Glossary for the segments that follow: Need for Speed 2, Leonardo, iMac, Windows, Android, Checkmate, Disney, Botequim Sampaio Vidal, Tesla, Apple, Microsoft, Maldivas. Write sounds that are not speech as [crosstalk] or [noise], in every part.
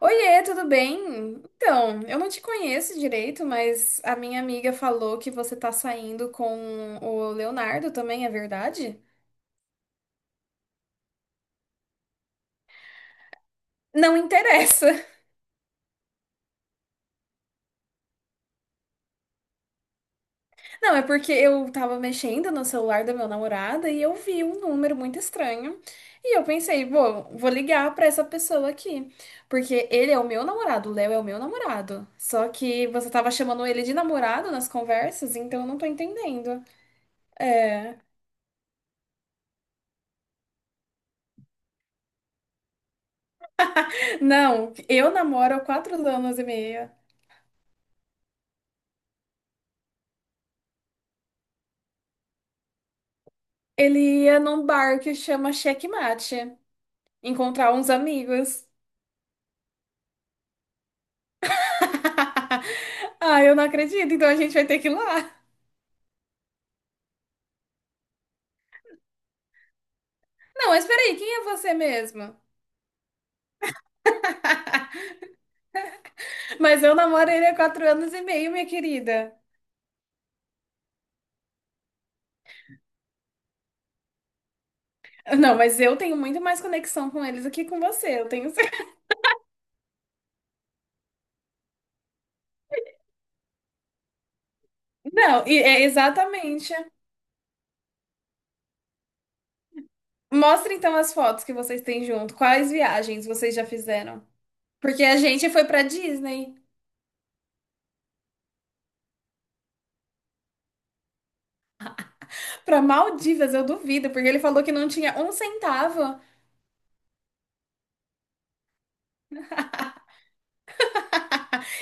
Oiê, tudo bem? Então, eu não te conheço direito, mas a minha amiga falou que você tá saindo com o Leonardo também, é verdade? Não interessa. [laughs] Não, é porque eu tava mexendo no celular da meu namorado e eu vi um número muito estranho. E eu pensei, bom, vou ligar pra essa pessoa aqui. Porque ele é o meu namorado, o Léo é o meu namorado. Só que você tava chamando ele de namorado nas conversas, então eu não tô entendendo. [laughs] Não, eu namoro há quatro anos e meio. Ele ia num bar que chama Checkmate, encontrar uns amigos. [laughs] Ah, eu não acredito, então a gente vai ter que ir lá. Não, mas peraí, quem é você mesmo? Mas eu namoro ele há quatro anos e meio, minha querida. Não, mas eu tenho muito mais conexão com eles do que com você, eu tenho certeza. [laughs] Não, é exatamente. Mostra então as fotos que vocês têm junto. Quais viagens vocês já fizeram? Porque a gente foi pra Disney, pra Maldivas, eu duvido, porque ele falou que não tinha um centavo.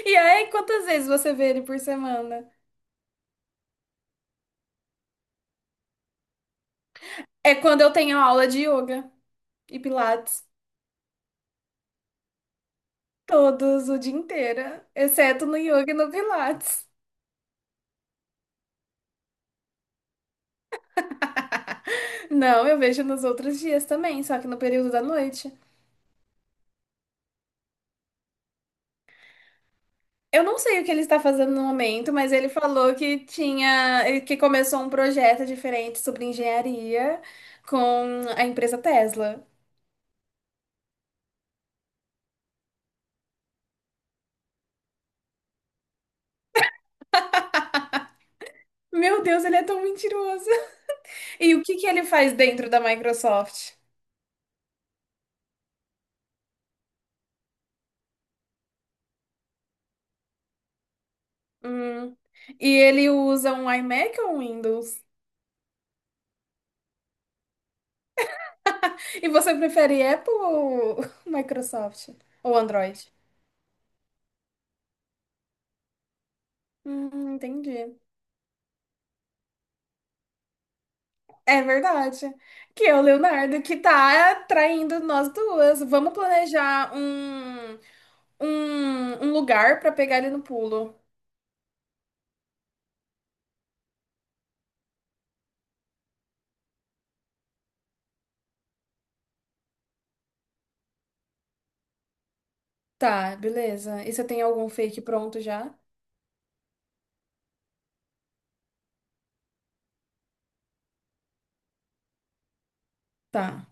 E aí, quantas vezes você vê ele por semana? É quando eu tenho aula de yoga e pilates. Todos o dia inteiro, exceto no yoga e no pilates. Não, eu vejo nos outros dias também, só que no período da noite. Eu não sei o que ele está fazendo no momento, mas ele falou que tinha, que começou um projeto diferente sobre engenharia com a empresa Tesla. Meu Deus, ele é tão mentiroso. E o que que ele faz dentro da Microsoft? Hum. E ele usa um iMac ou um Windows? E você prefere Apple ou [laughs] Microsoft? Ou Android? Entendi. É verdade. Que é o Leonardo que tá traindo nós duas. Vamos planejar um lugar pra pegar ele no pulo. Tá, beleza. E você tem algum fake pronto já? Tá.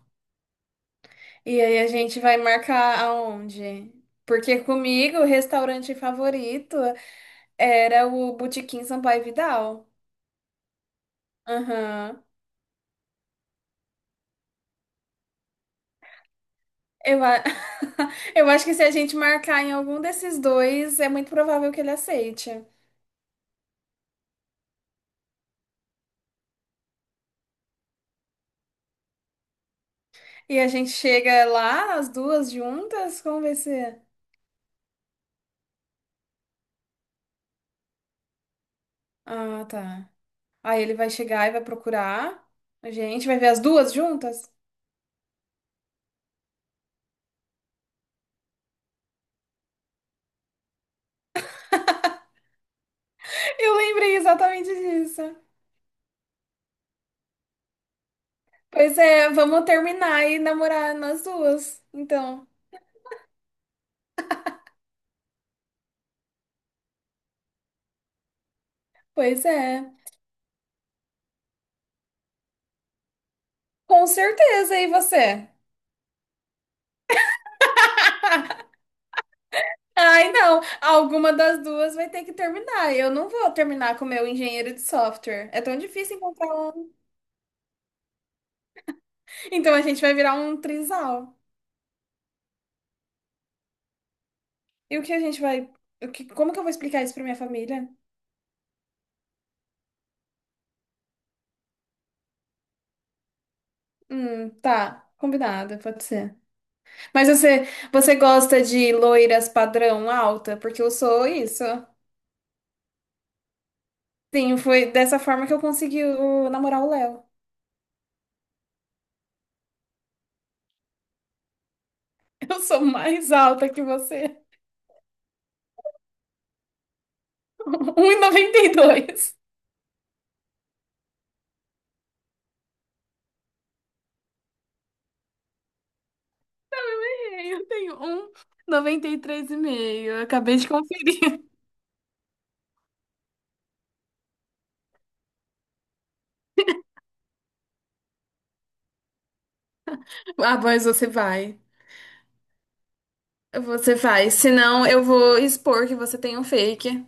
E aí a gente vai marcar aonde? Porque comigo, o restaurante favorito. Era o Botequim Sampaio Vidal. Aham. Eu, a- [laughs] Eu acho que se a gente marcar em algum desses dois, é muito provável que ele aceite. E a gente chega lá, as duas juntas, como vai ser? Ah, tá. Aí ele vai chegar e vai procurar. A gente vai ver as duas juntas? Eu lembrei exatamente disso. Pois é, vamos terminar e namorar nas duas. Então, pois é. Com certeza, e você? Ai, não. Alguma das duas vai ter que terminar. Eu não vou terminar com o meu engenheiro de software. É tão difícil encontrar um. Então a gente vai virar um trisal. E o que a gente vai. Como que eu vou explicar isso pra minha família? Tá. Combinado, pode ser. Mas você gosta de loiras padrão alta? Porque eu sou isso. Sim, foi dessa forma que eu consegui namorar o Léo. [laughs] Eu sou mais alta que você. [laughs] Um e noventa e dois. Eu errei, eu tenho um 93,5. Eu acabei de conferir. [laughs] Ah, mas você vai. Você vai. Senão eu vou expor que você tem um fake.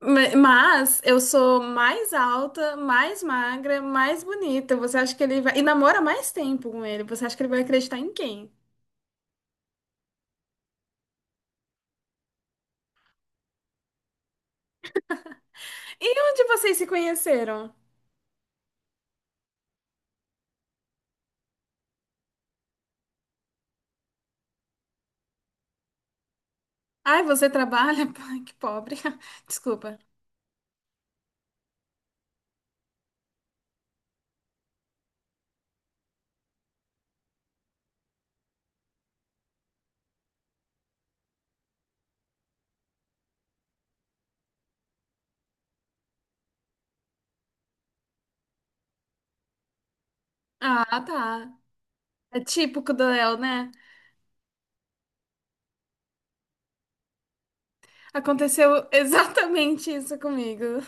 Mas eu sou mais alta, mais magra, mais bonita. Você acha que ele vai. E namora mais tempo com ele. Você acha que ele vai acreditar em quem? E onde vocês se conheceram? Ai, você trabalha? [laughs] Ai, que pobre. [laughs] Desculpa. Ah, tá. É típico do Léo, né? Aconteceu [laughs] exatamente isso comigo.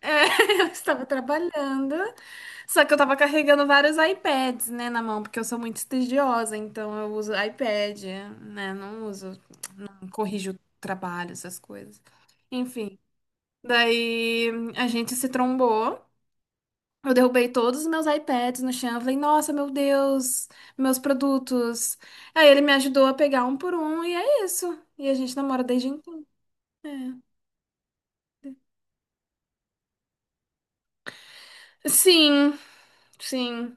É, [laughs] eu estava trabalhando, só que eu estava carregando vários iPads, né, na mão, porque eu sou muito estudiosa, então eu uso iPad, né, não uso, corrijo trabalho, essas coisas. Enfim, daí a gente se trombou, eu derrubei todos os meus iPads no chão, eu falei, nossa, meu Deus, meus produtos. Aí ele me ajudou a pegar um por um, e é isso. E a gente namora desde então. Sim, sim.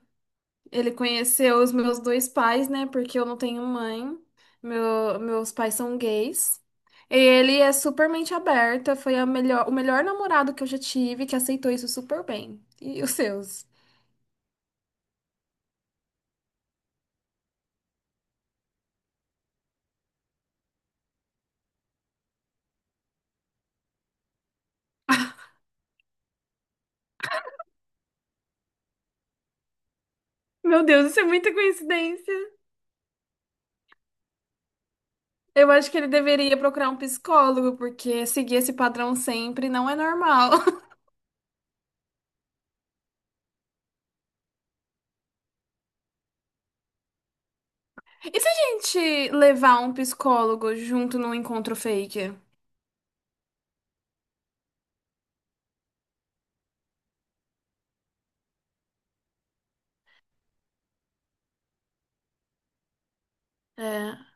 Ele conheceu os meus dois pais, né? Porque eu não tenho mãe. Meus pais são gays. E ele é super mente aberta. Foi o melhor namorado que eu já tive que aceitou isso super bem. E os seus? Meu Deus, isso é muita coincidência. Eu acho que ele deveria procurar um psicólogo, porque seguir esse padrão sempre não é normal. [laughs] E se a gente levar um psicólogo junto num encontro fake? É.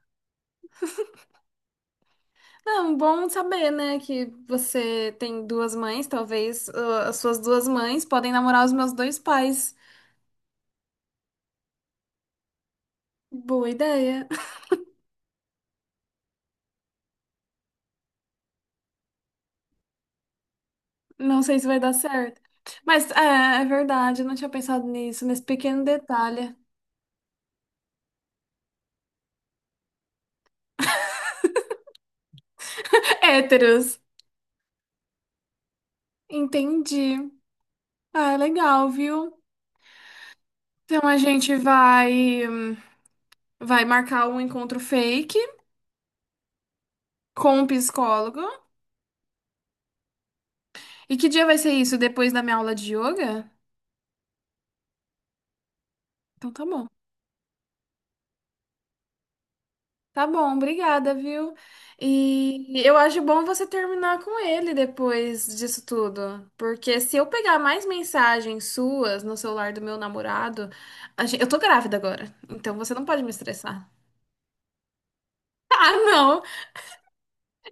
É bom saber, né, que você tem duas mães, talvez as suas duas mães podem namorar os meus dois pais. Boa ideia. [laughs] Não sei se vai dar certo. Mas é verdade, eu não tinha pensado nisso, nesse pequeno detalhe. [laughs] Héteros. Entendi. Ah, é legal, viu? Então a gente vai marcar um encontro fake com o psicólogo. E que dia vai ser isso? Depois da minha aula de yoga? Então tá bom. Tá bom, obrigada, viu? E eu acho bom você terminar com ele depois disso tudo. Porque se eu pegar mais mensagens suas no celular do meu namorado, eu tô grávida agora. Então você não pode me estressar. [laughs] Ah, não!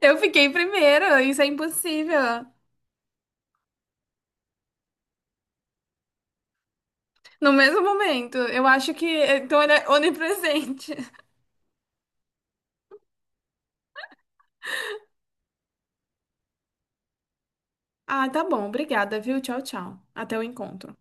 Eu fiquei primeiro, isso é impossível. No mesmo momento, eu acho que então ele é onipresente. [laughs] Ah, tá bom, obrigada, viu? Tchau, tchau. Até o encontro.